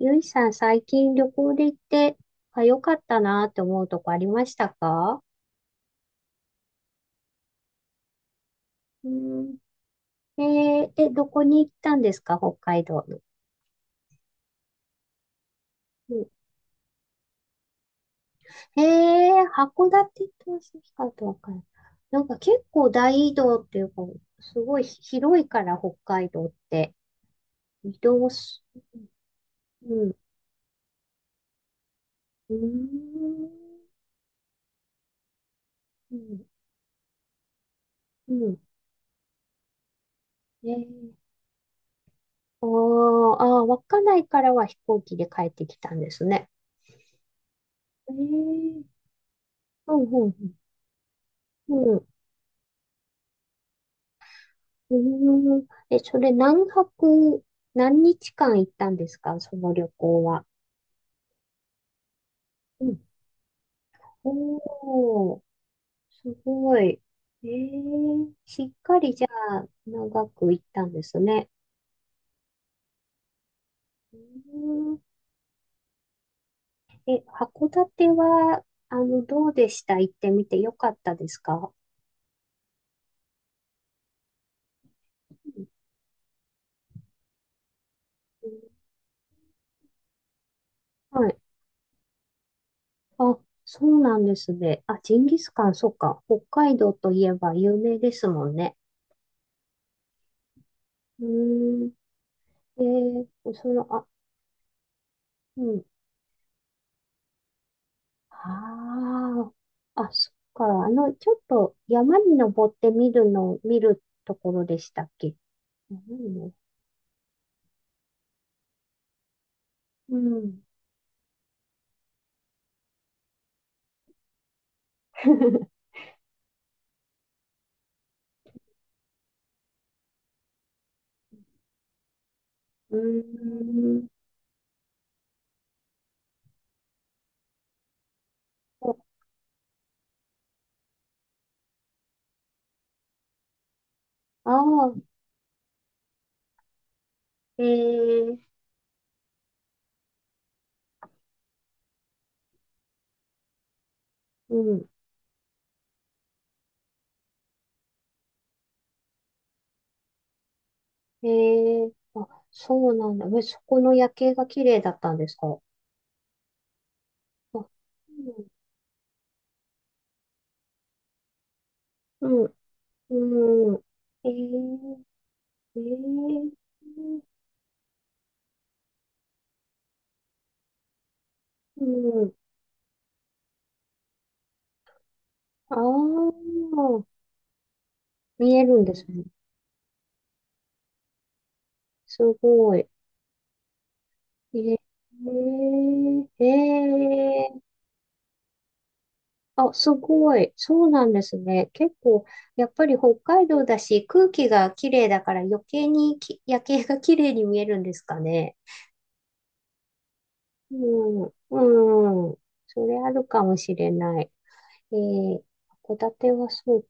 ゆいさん、最近旅行で行って、あ、良かったなって思うとこありましたか？うん。えどこに行ったんですか北海道の。うん、えー、函館と旭川とわかんない。なんか結構大移動っていうか、すごい広いから北海道って。移動す、うん。うん。うん。うん。えー、あーあー、稚内からは飛行機で帰ってきたんですね。えー、うんうんうん。うん。うん。え、それ何泊、何日間行ったんですかその旅行は？うん。おー、すごい。えー、しっかりじゃあ長く行ったんですね。うーん。え、函館は、あの、どうでした行ってみてよかったですか？うん、はい。あ、そうなんですね。あ、ジンギスカン、そうか。北海道といえば有名ですもんね。うーん。えー、その、うん。ああ。あ、そっか。あの、ちょっと山に登ってみるの、見るところでしたっけ？山に登うん。うーん。ああ、ええ、うん。ええ、あ、そうなんだ。え、そこの夜景が綺麗だったんですか？あ、うん、うん、うん。ええ、ええ、うん。ああ、見えるんですね。すごい。えー、えー、あ、すごい。そうなんですね。結構、やっぱり北海道だし、空気が綺麗だから余計に夜景が綺麗に見えるんですかね。うん、うん。それあるかもしれない。えー、函館はそう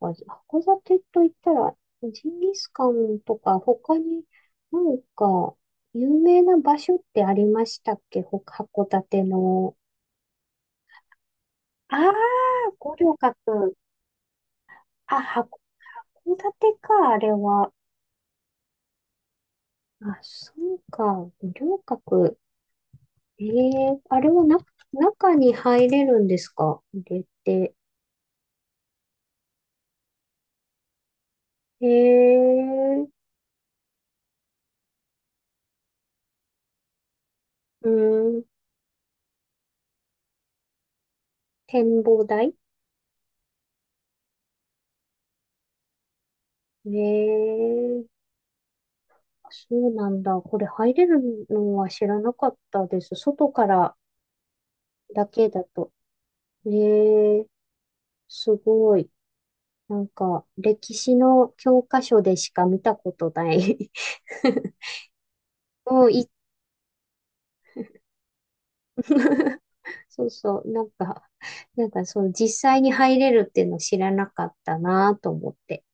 か。函館と言ったら、ジンギスカンとか、他になんか、有名な場所ってありましたっけ函館の？ああ、五稜郭。あ、函館か、あれは。あ、そうか、五稜郭。ええ、あれはな、中に入れるんですか入れて？ええ、うん、展望台。ええ、そうなんだ。これ入れるのは知らなかったです。外からだけだと。ええ、すごい。なんか、歴史の教科書でしか見たことない。 うん、い、そうそう、なんか、なんかそう、実際に入れるっていうの知らなかったなと思って。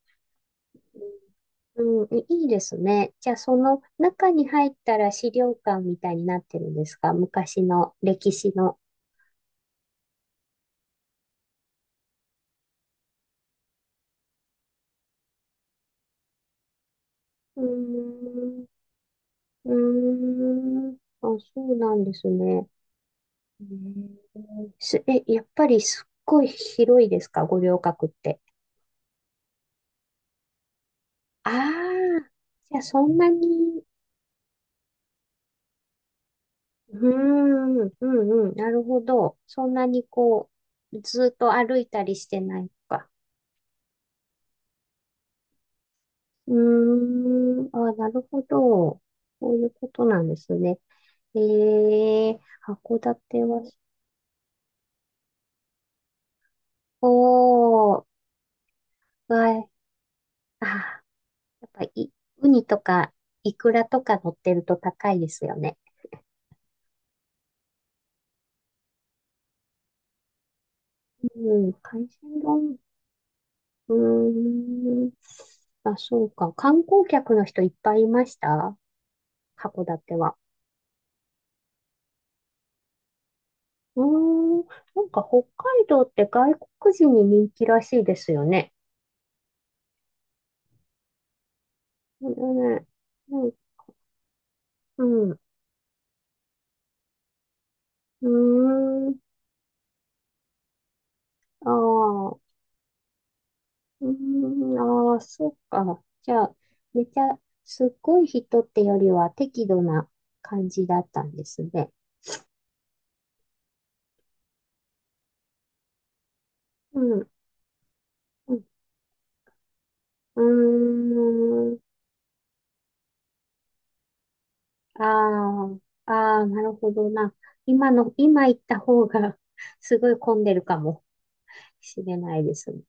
うん、いいですね。じゃあ、その中に入ったら資料館みたいになってるんですか昔の歴史の？うーん、うーん、あ、そうなんですね。うーん、え、やっぱりすっごい広いですか、五稜郭って？ああ、じゃあそんなに、うーん、うんうん、なるほど。そんなにこう、ずっと歩いたりしてないのか。うーん、あ、なるほど。そういうことなんですね。えー、函館は、おー、はい、あ、やっぱり、ウニとか、イクラとか乗ってると高いですよね。うん、海鮮丼、うーん、あ、そうか。観光客の人いっぱいいました函館は？うーん、なんか北海道って外国人に人気らしいですよね。ね、うん、うん、うーん、ああ、うーん、ああ、そっか。じゃあ、めちゃ、すっごい人ってよりは適度な感じだったんですね。うん、うん、うーん、ああ、ああ、なるほどな。今行った方が すごい混んでるかもしれないですね。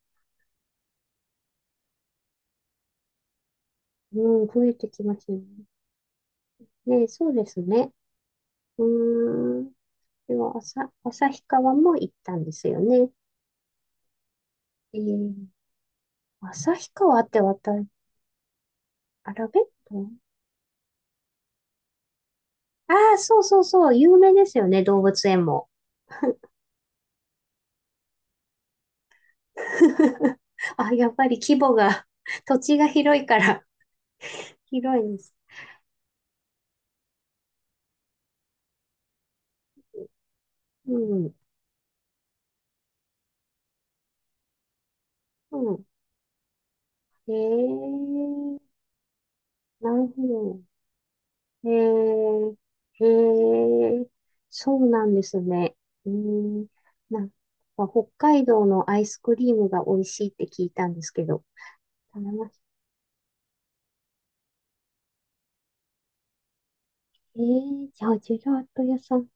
うん、増えてきますね。ね、そうですね。うーん。では、朝、旭川も行ったんですよね。えー、旭川って私、アラベット、ああー、そうそうそう、有名ですよね、動物園も。あ、やっぱり規模が、土地が広いから、広いです。うん、うん。ええ、なるほど。えー、へえ、そうなんですね。うーん、なんか北海道のアイスクリームが美味しいって聞いたんですけど。頼ましえー、じゃあ、ジェラート屋さん。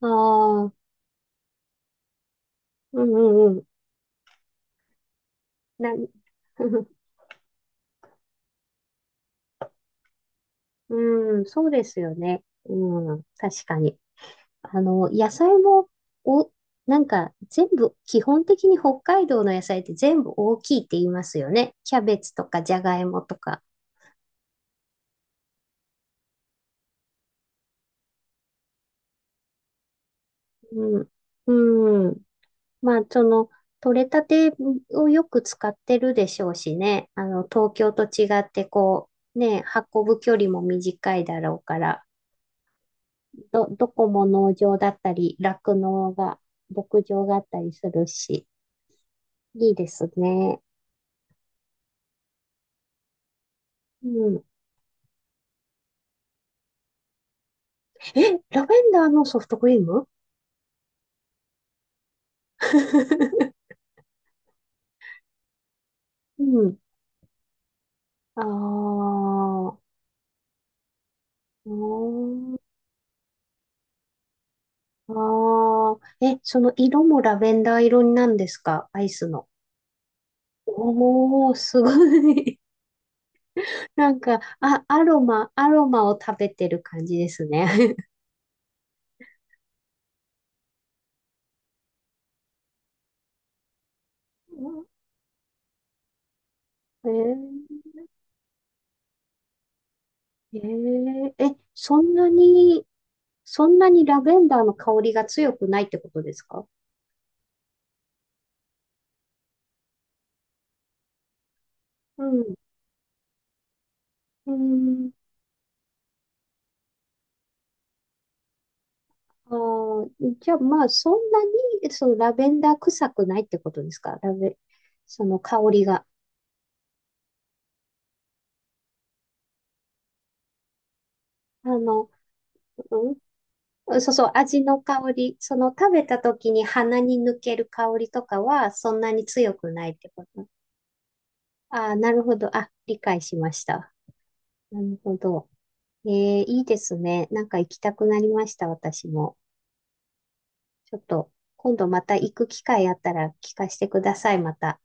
ああ、うんうんうん。な、うん、そうですよね。うん、確かに。あの、野菜も、お、なんか全部、基本的に北海道の野菜って全部大きいって言いますよね。キャベツとかじゃがいもとか。うん、うん。まあ、その、取れたてをよく使ってるでしょうしね。あの、東京と違って、こう、ね、運ぶ距離も短いだろうから、どこも農場だったり、酪農が、牧場があったりするし、いいですね。うん。え、ラベンダーのソフトクリーム？ うん。ああ、うーん、ああ、え、その色もラベンダー色なんですかアイスの？おー、すごい。なんか、あ、アロマを食べてる感じですね。えー、えー、え、そんなに、そんなにラベンダーの香りが強くないってことですか？うん。うん。あー、じゃあまあ、そんなに、そのラベンダー臭くないってことですかラベ、その香りが？あの、うん、うん、そうそう、味の香り、その食べた時に鼻に抜ける香りとかはそんなに強くないってこと。ああ、なるほど。あ、理解しました。なるほど。えー、いいですね。なんか行きたくなりました、私も。ちょっと、今度また行く機会あったら聞かせてください、また。